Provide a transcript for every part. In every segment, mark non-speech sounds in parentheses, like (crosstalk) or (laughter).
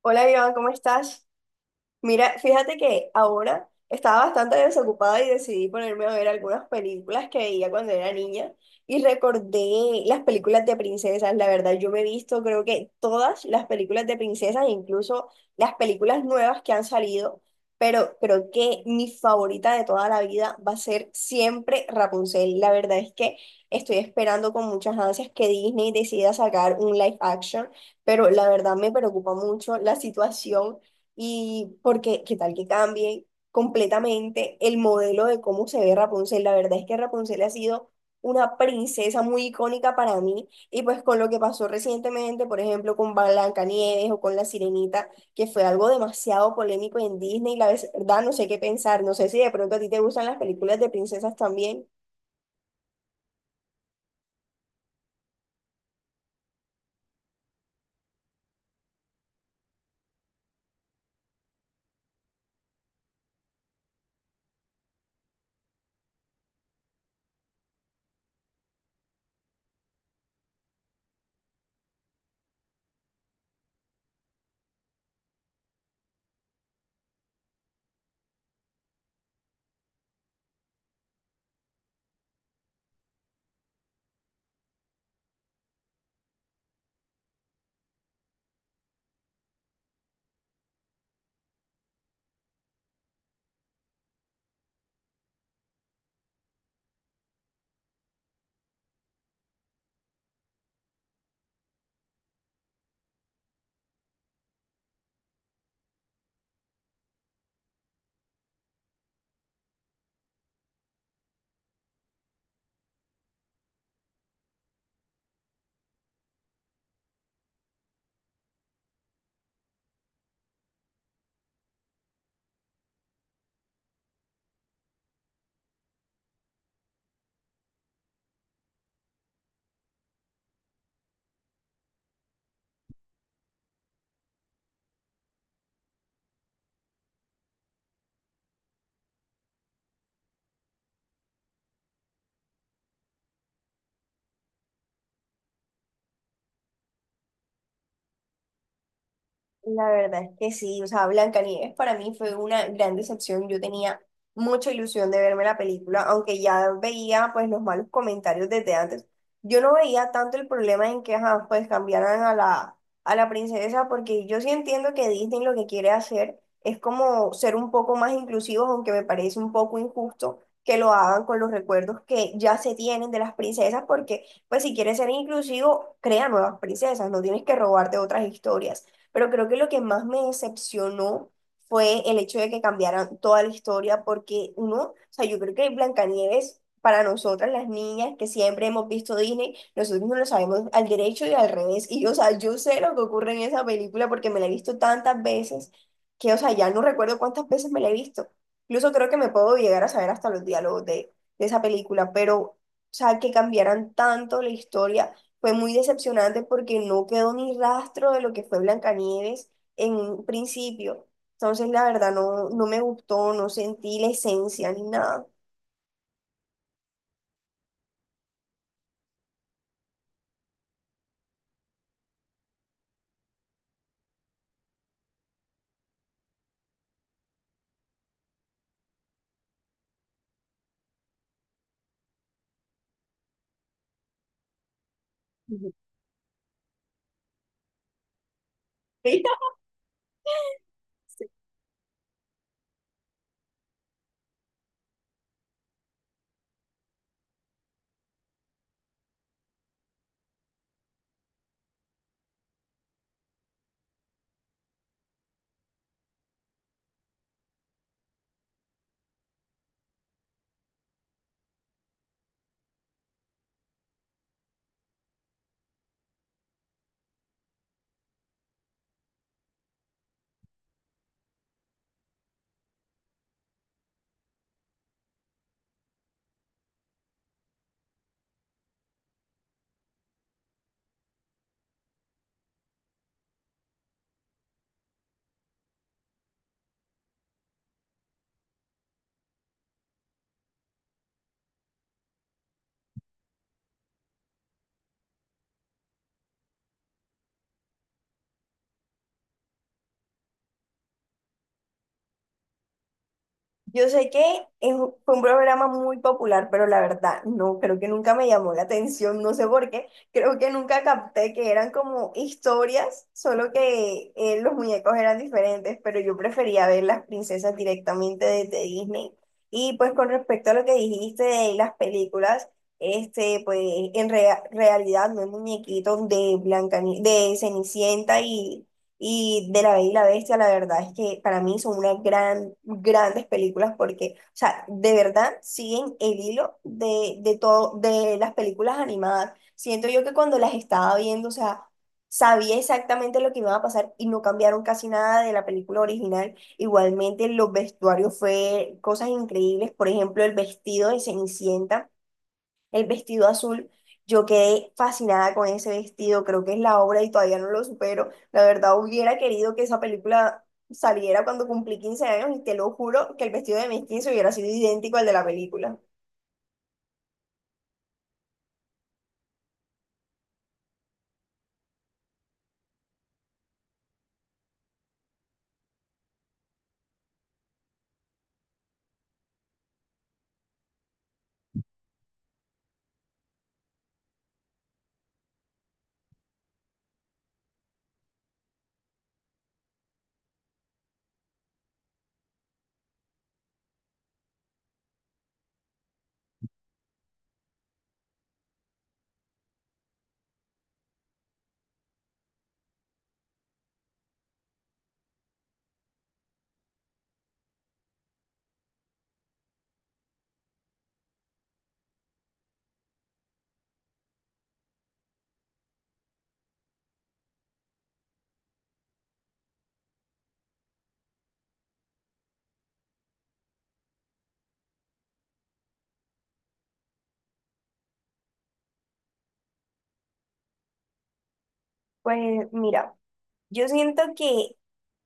Hola Iván, ¿cómo estás? Mira, fíjate que ahora estaba bastante desocupada y decidí ponerme a ver algunas películas que veía cuando era niña y recordé las películas de princesas. La verdad, yo me he visto creo que todas las películas de princesas, incluso las películas nuevas que han salido, pero creo que mi favorita de toda la vida va a ser siempre Rapunzel. La verdad es que estoy esperando con muchas ansias que Disney decida sacar un live action, pero la verdad me preocupa mucho la situación y porque, ¿qué tal que cambie completamente el modelo de cómo se ve Rapunzel? La verdad es que Rapunzel ha sido una princesa muy icónica para mí. Y pues con lo que pasó recientemente, por ejemplo, con Blancanieves o con La Sirenita, que fue algo demasiado polémico en Disney, la verdad no sé qué pensar. No sé si de pronto a ti te gustan las películas de princesas también. La verdad es que sí, o sea, Blancanieves para mí fue una gran decepción. Yo tenía mucha ilusión de verme la película, aunque ya veía pues los malos comentarios desde antes. Yo no veía tanto el problema en que ajá, pues cambiaran a la princesa, porque yo sí entiendo que Disney lo que quiere hacer es como ser un poco más inclusivos, aunque me parece un poco injusto que lo hagan con los recuerdos que ya se tienen de las princesas, porque pues si quieres ser inclusivo, crea nuevas princesas, no tienes que robarte otras historias. Pero creo que lo que más me decepcionó fue el hecho de que cambiaran toda la historia, porque uno, o sea, yo creo que Blancanieves, para nosotras las niñas que siempre hemos visto Disney, nosotros no lo sabemos al derecho y al revés. Y, o sea, yo sé lo que ocurre en esa película porque me la he visto tantas veces que, o sea, ya no recuerdo cuántas veces me la he visto. Incluso creo que me puedo llegar a saber hasta los diálogos de esa película, pero, o sea, que cambiaran tanto la historia. Fue muy decepcionante porque no quedó ni rastro de lo que fue Blancanieves en un principio. Entonces, la verdad, no, no me gustó, no sentí la esencia ni nada. Ujú. (laughs) Yo sé que fue un programa muy popular, pero la verdad, no, creo que nunca me llamó la atención, no sé por qué. Creo que nunca capté que eran como historias, solo que los muñecos eran diferentes, pero yo prefería ver las princesas directamente desde Disney. Y pues con respecto a lo que dijiste de las películas, pues realidad no hay muñequitos de de Cenicienta y de La Bella y la Bestia, la verdad es que para mí son unas grandes películas porque, o sea, de verdad siguen el hilo de todo, de las películas animadas. Siento yo que cuando las estaba viendo, o sea, sabía exactamente lo que iba a pasar y no cambiaron casi nada de la película original. Igualmente, los vestuarios fue cosas increíbles. Por ejemplo, el vestido de Cenicienta, el vestido azul. Yo quedé fascinada con ese vestido, creo que es la obra y todavía no lo supero. La verdad, hubiera querido que esa película saliera cuando cumplí 15 años y te lo juro que el vestido de mis 15 hubiera sido idéntico al de la película. Pues mira, yo siento que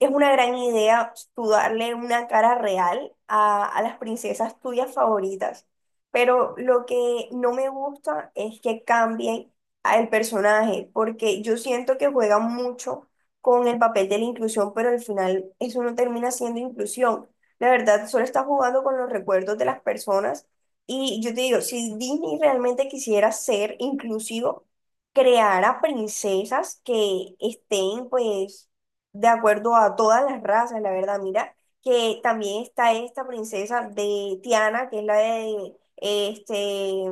es una gran idea tú darle una cara real a las princesas tuyas favoritas, pero lo que no me gusta es que cambien a el personaje, porque yo siento que juegan mucho con el papel de la inclusión, pero al final eso no termina siendo inclusión. La verdad, solo está jugando con los recuerdos de las personas y yo te digo, si Disney realmente quisiera ser inclusivo, creara princesas que estén pues de acuerdo a todas las razas, la verdad. Mira, que también está esta princesa de Tiana, que es la de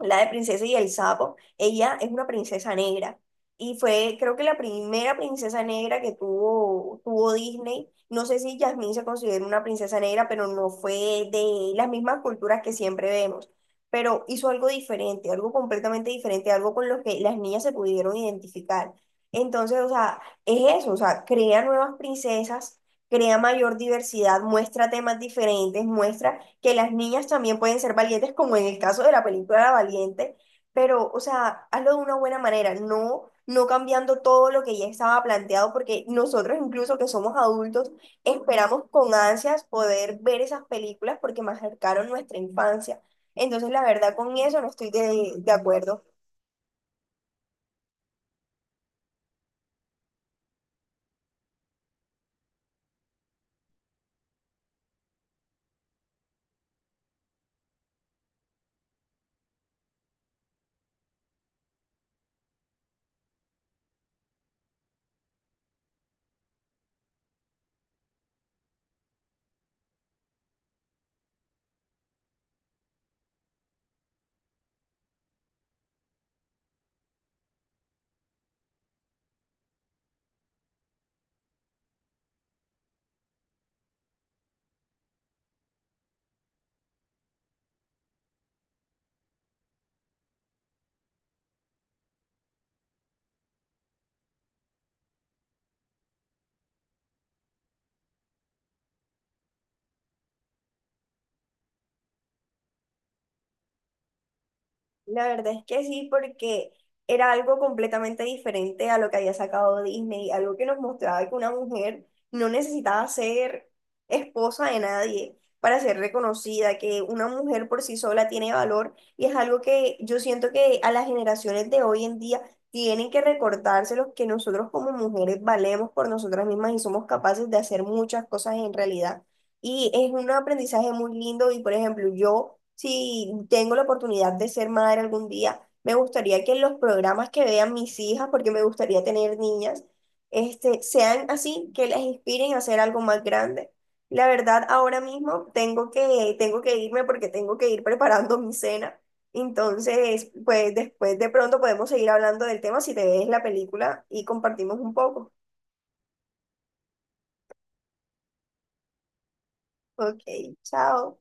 la de Princesa y el Sapo, ella es una princesa negra. Y fue, creo que la primera princesa negra que tuvo, Disney. No sé si Jasmine se considera una princesa negra, pero no fue de las mismas culturas que siempre vemos. Pero hizo algo diferente, algo completamente diferente, algo con lo que las niñas se pudieron identificar. Entonces, o sea, es eso, o sea, crea nuevas princesas, crea mayor diversidad, muestra temas diferentes, muestra que las niñas también pueden ser valientes, como en el caso de la película La Valiente, pero, o sea, hazlo de una buena manera, no, no cambiando todo lo que ya estaba planteado, porque nosotros incluso que somos adultos, esperamos con ansias poder ver esas películas porque marcaron nuestra infancia. Entonces, la verdad, con eso no estoy de acuerdo. La verdad es que sí, porque era algo completamente diferente a lo que había sacado Disney, algo que nos mostraba que una mujer no necesitaba ser esposa de nadie para ser reconocida, que una mujer por sí sola tiene valor y es algo que yo siento que a las generaciones de hoy en día tienen que recordárselos que nosotros como mujeres valemos por nosotras mismas y somos capaces de hacer muchas cosas en realidad. Y es un aprendizaje muy lindo y, por ejemplo, yo, si tengo la oportunidad de ser madre algún día, me gustaría que los programas que vean mis hijas, porque me gustaría tener niñas, sean así, que las inspiren a hacer algo más grande. La verdad, ahora mismo tengo que irme porque tengo que ir preparando mi cena. Entonces, pues después de pronto podemos seguir hablando del tema si te ves la película y compartimos un poco. Ok, chao.